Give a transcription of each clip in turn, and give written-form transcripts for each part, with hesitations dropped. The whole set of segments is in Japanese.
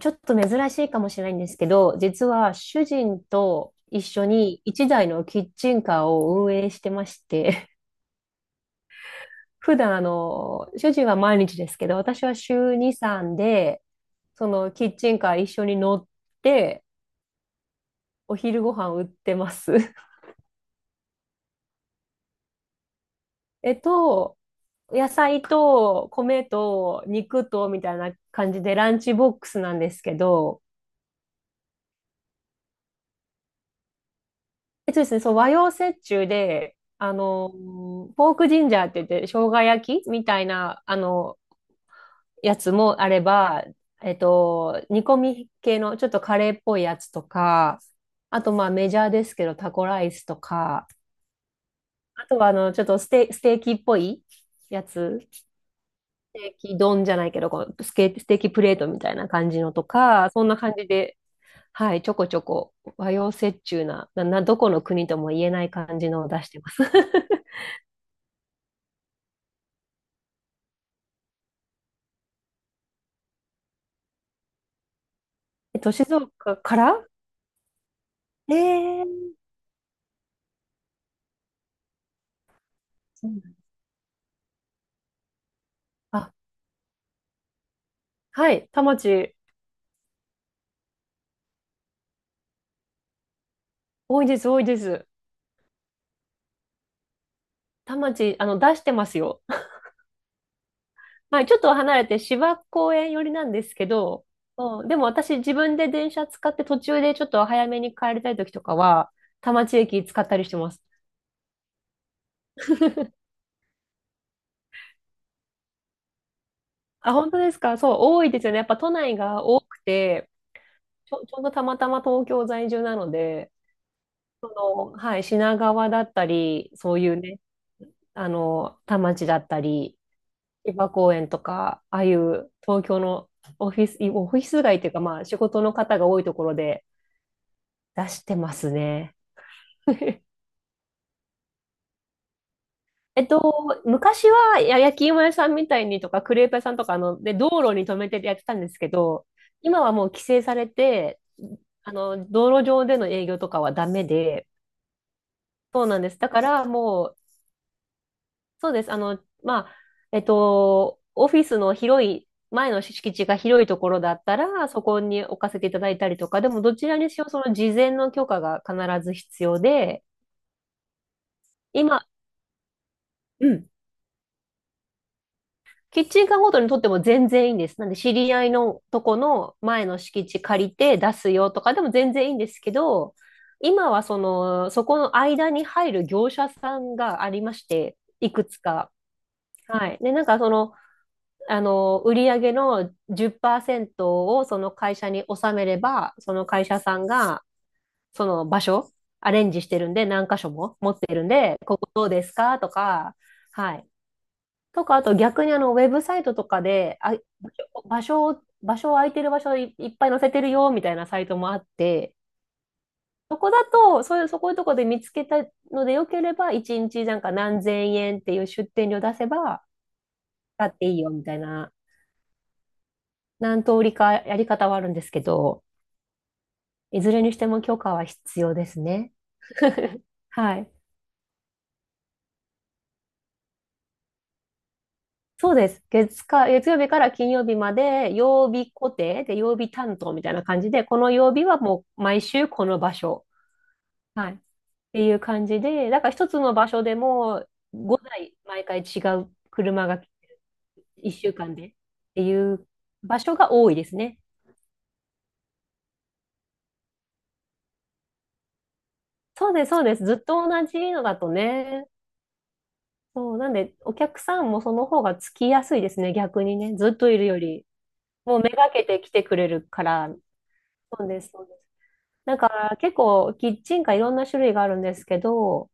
ちょっと珍しいかもしれないんですけど、実は主人と一緒に一台のキッチンカーを運営してまして、普段主人は毎日ですけど、私は週2、3で、そのキッチンカー一緒に乗って、お昼ご飯売ってます。えっと、野菜と米と肉とみたいな感じでランチボックスなんですけど、えっとですね、そう、和洋折衷で、ポークジンジャーって言って、生姜焼きみたいな、やつもあれば、煮込み系の、ちょっとカレーっぽいやつとか、あと、まあ、メジャーですけど、タコライスとか、あとは、ちょっとステーキっぽいやつ、ステーキ丼じゃないけど、こうステーキプレートみたいな感じのとか、そんな感じで、はい、ちょこちょこ和洋折衷などこの国とも言えない感じのを出してます。静岡からええー、そうなんだ、あ、はい、田町、多いです、多いです。田町、出してますよ。はい、ちょっと離れて芝公園寄りなんですけど、うん、でも私自分で電車使って途中でちょっと早めに帰りたい時とかは、田町駅使ったりしてます。あ、本当ですか？そう、多いですよね。やっぱ都内が多くて、ちょうどたまたま東京在住なので、その、はい、品川だったり、そういうね、田町だったり、芝公園とか、ああいう東京のオフィス街というか、まあ仕事の方が多いところで出してますね。えっと、昔は焼き芋屋さんみたいにとか、クレープ屋さんとか、で、道路に止めてやってたんですけど、今はもう規制されて、道路上での営業とかはダメで、そうなんです。だからもそうです。まあ、オフィスの広い、前の敷地が広いところだったら、そこに置かせていただいたりとか、でもどちらにしろその事前の許可が必ず必要で、今、うん、キッチンカーごとにとっても全然いいんです。なんで知り合いのとこの前の敷地借りて出すよとかでも全然いいんですけど、今はその、そこの間に入る業者さんがありまして、いくつか。はい。で、なんかその、売上の10%をその会社に納めれば、その会社さんが、その場所、アレンジしてるんで、何箇所も持ってるんで、ここどうですかとか、はい。とか、あと逆にウェブサイトとかで、あ、場所を空いてる場所、いっぱい載せてるよ、みたいなサイトもあって、そこだと、そういう、そこいうとこで見つけたのでよければ、1日なんか何千円っていう出店料出せば、だっていいよ、みたいな、何通りかやり方はあるんですけど、いずれにしても許可は必要ですね。はい。そうです。月曜日から金曜日まで、曜日固定で、曜日担当みたいな感じで、この曜日はもう毎週この場所。はい。っていう感じで、だから一つの場所でも5台毎回違う車が1週間でっていう場所が多いですね。そうです、そうです。ずっと同じのだとね。そう、なんでお客さんもその方がつきやすいですね、逆にね。ずっといるより。もうめがけて来てくれるから、そうです、そうです。だから結構キッチンカーいろんな種類があるんですけど、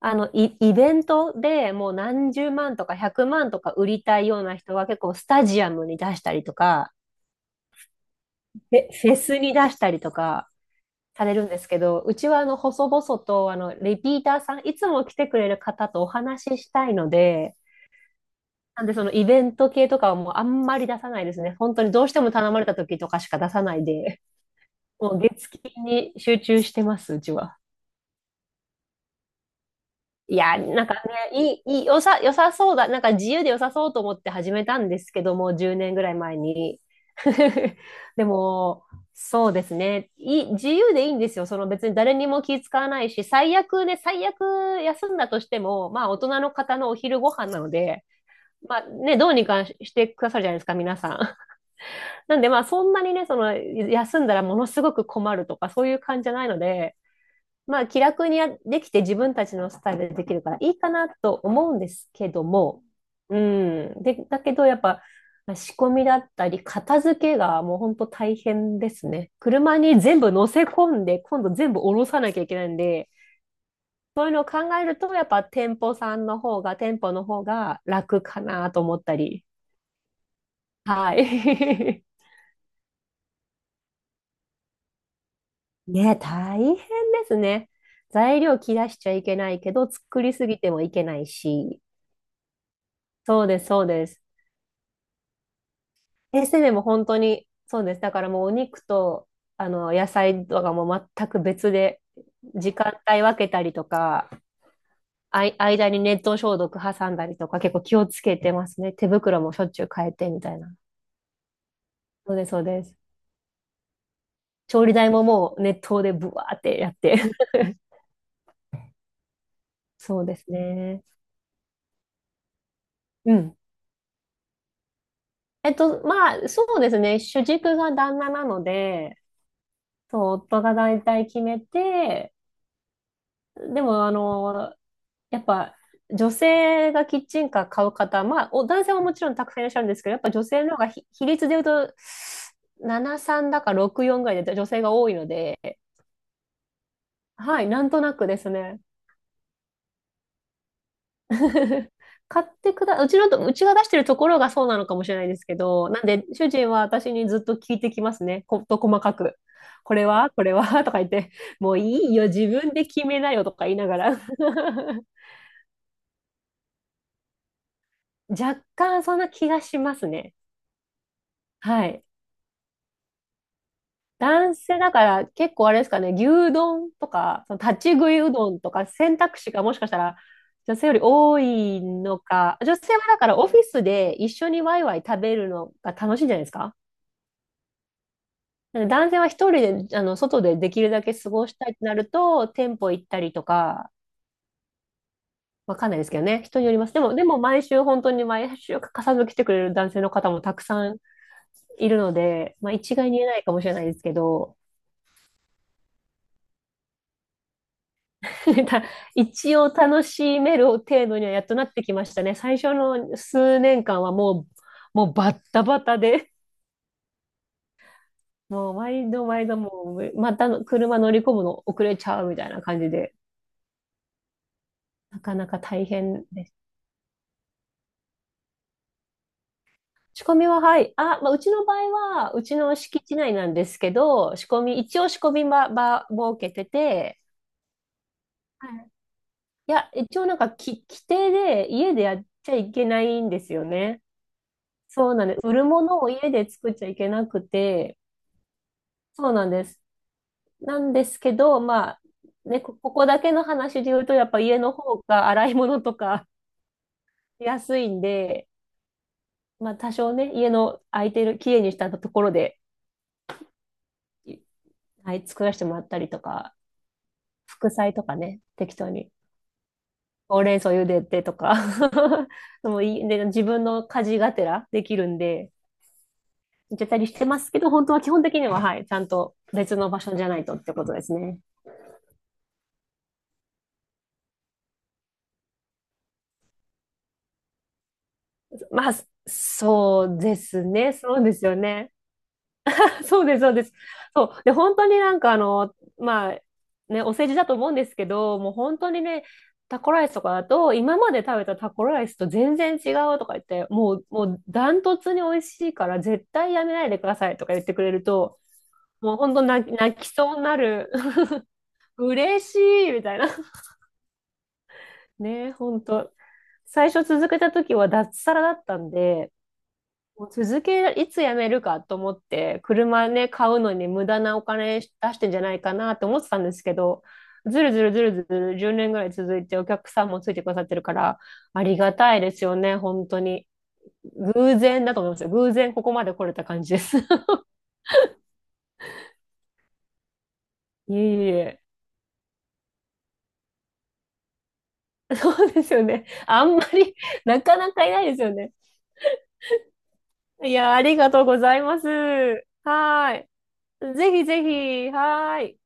イベントでもう何十万とか100万とか売りたいような人は結構スタジアムに出したりとか、フェスに出したりとかされるんですけど、うちは細々とリピーターさん、いつも来てくれる方とお話ししたいので、なんでそのイベント系とかはもうあんまり出さないですね。本当にどうしても頼まれた時とかしか出さないで。もう月金に集中してます、うちは。いや、なんかね、いい、いい、良さ、良さそうだ。なんか自由で良さそうと思って始めたんですけども、10年ぐらい前に。でも、そうですね。自由でいいんですよ。その別に誰にも気使わないし、最悪ね、最悪休んだとしても、まあ大人の方のお昼ご飯なので、まあね、どうにかしてくださるじゃないですか、皆さん。なんでまあそんなにね、その休んだらものすごく困るとかそういう感じじゃないので、まあ、気楽にやできて自分たちのスタイルでできるからいいかなと思うんですけども、うん。で、だけどやっぱ仕込みだったり、片付けがもう本当大変ですね。車に全部乗せ込んで、今度全部下ろさなきゃいけないんで、そういうのを考えると、やっぱ店舗さんの方が、店舗の方が楽かなと思ったり。はい。ね、大変ですね。材料切らしちゃいけないけど、作りすぎてもいけないし。そうです、そうです。エステでも本当に、そうです。だからもうお肉と、野菜とかもう全く別で、時間帯分けたりとか、間に熱湯消毒挟んだりとか、結構気をつけてますね。手袋もしょっちゅう変えてみたいな。そうです、そうです。調理台ももう熱湯でブワーってやって。そうですね。うん。まあ、そうですね。主軸が旦那なので、そう、夫が大体決めて、でも、やっぱ女性がキッチンカー買う方、まあ、男性はもちろんたくさんいらっしゃるんですけど、やっぱ女性の方が比率で言うと、73だか64ぐらいで女性が多いので、はい、なんとなくですね。買ってくだ、うちのと、うちが出してるところがそうなのかもしれないですけど、なんで、主人は私にずっと聞いてきますね。こと細かく。これはこれはとか言って、もういいよ、自分で決めなよとか言いながら。若干そんな気がしますね。はい。男性だから結構あれですかね、牛丼とか、その立ち食いうどんとか選択肢がもしかしたら女性より多いのか、女性はだからオフィスで一緒にワイワイ食べるのが楽しいんじゃないですか？なんで男性は一人で、外でできるだけ過ごしたいってなると、店舗行ったりとか、わかんないですけどね、人によります。でも、でも毎週本当に毎週欠かさず来てくれる男性の方もたくさんいるので、まあ一概に言えないかもしれないですけど、なんか一応楽しめる程度にはやっとなってきましたね。最初の数年間はもうバッタバタで、もう毎度毎度もう、またの車乗り込むの遅れちゃうみたいな感じで、なかなか大変です。仕込みは、はい。あ、まあ、うちの場合は、うちの敷地内なんですけど、仕込み、一応仕込み場設けてて、はい。いや、一応なんか規定で家でやっちゃいけないんですよね。そうなんです。売るものを家で作っちゃいけなくて、そうなんです。なんですけど、まあ、ね、ここだけの話で言うと、やっぱ家の方が洗い物とか 安いんで、まあ多少ね、家の空いてる、きれいにしたところで、いはい、作らせてもらったりとか、副菜とかね、適当に。ほうれん草茹でてとか でもいい、で、自分の家事がてらできるんで、やったりしてますけど、本当は基本的には、はい、ちゃんと別の場所じゃないとってことですね。まあ、そうですね。そうですよね。そうです、そうです。そう。で、本当になんかまあ、ね、お世辞だと思うんですけど、もう本当にね、タコライスとかだと、今まで食べたタコライスと全然違うとか言って、もうダントツに美味しいから絶対やめないでくださいとか言ってくれると、もう本当泣きそうになる。嬉しいみたいな。ね、本当。最初続けた時は脱サラだったんで、もう続け、いつ辞めるかと思って、車ね、買うのに無駄なお金出してんじゃないかなと思ってたんですけど、ずるずるずるずる10年ぐらい続いてお客さんもついてくださってるから、ありがたいですよね、本当に。偶然だと思いますよ。偶然ここまで来れた感じです。いえいえ。そうですよね。あんまり、なかなかいないですよね。いや、ありがとうございます。はーい。ぜひぜひ、はーい。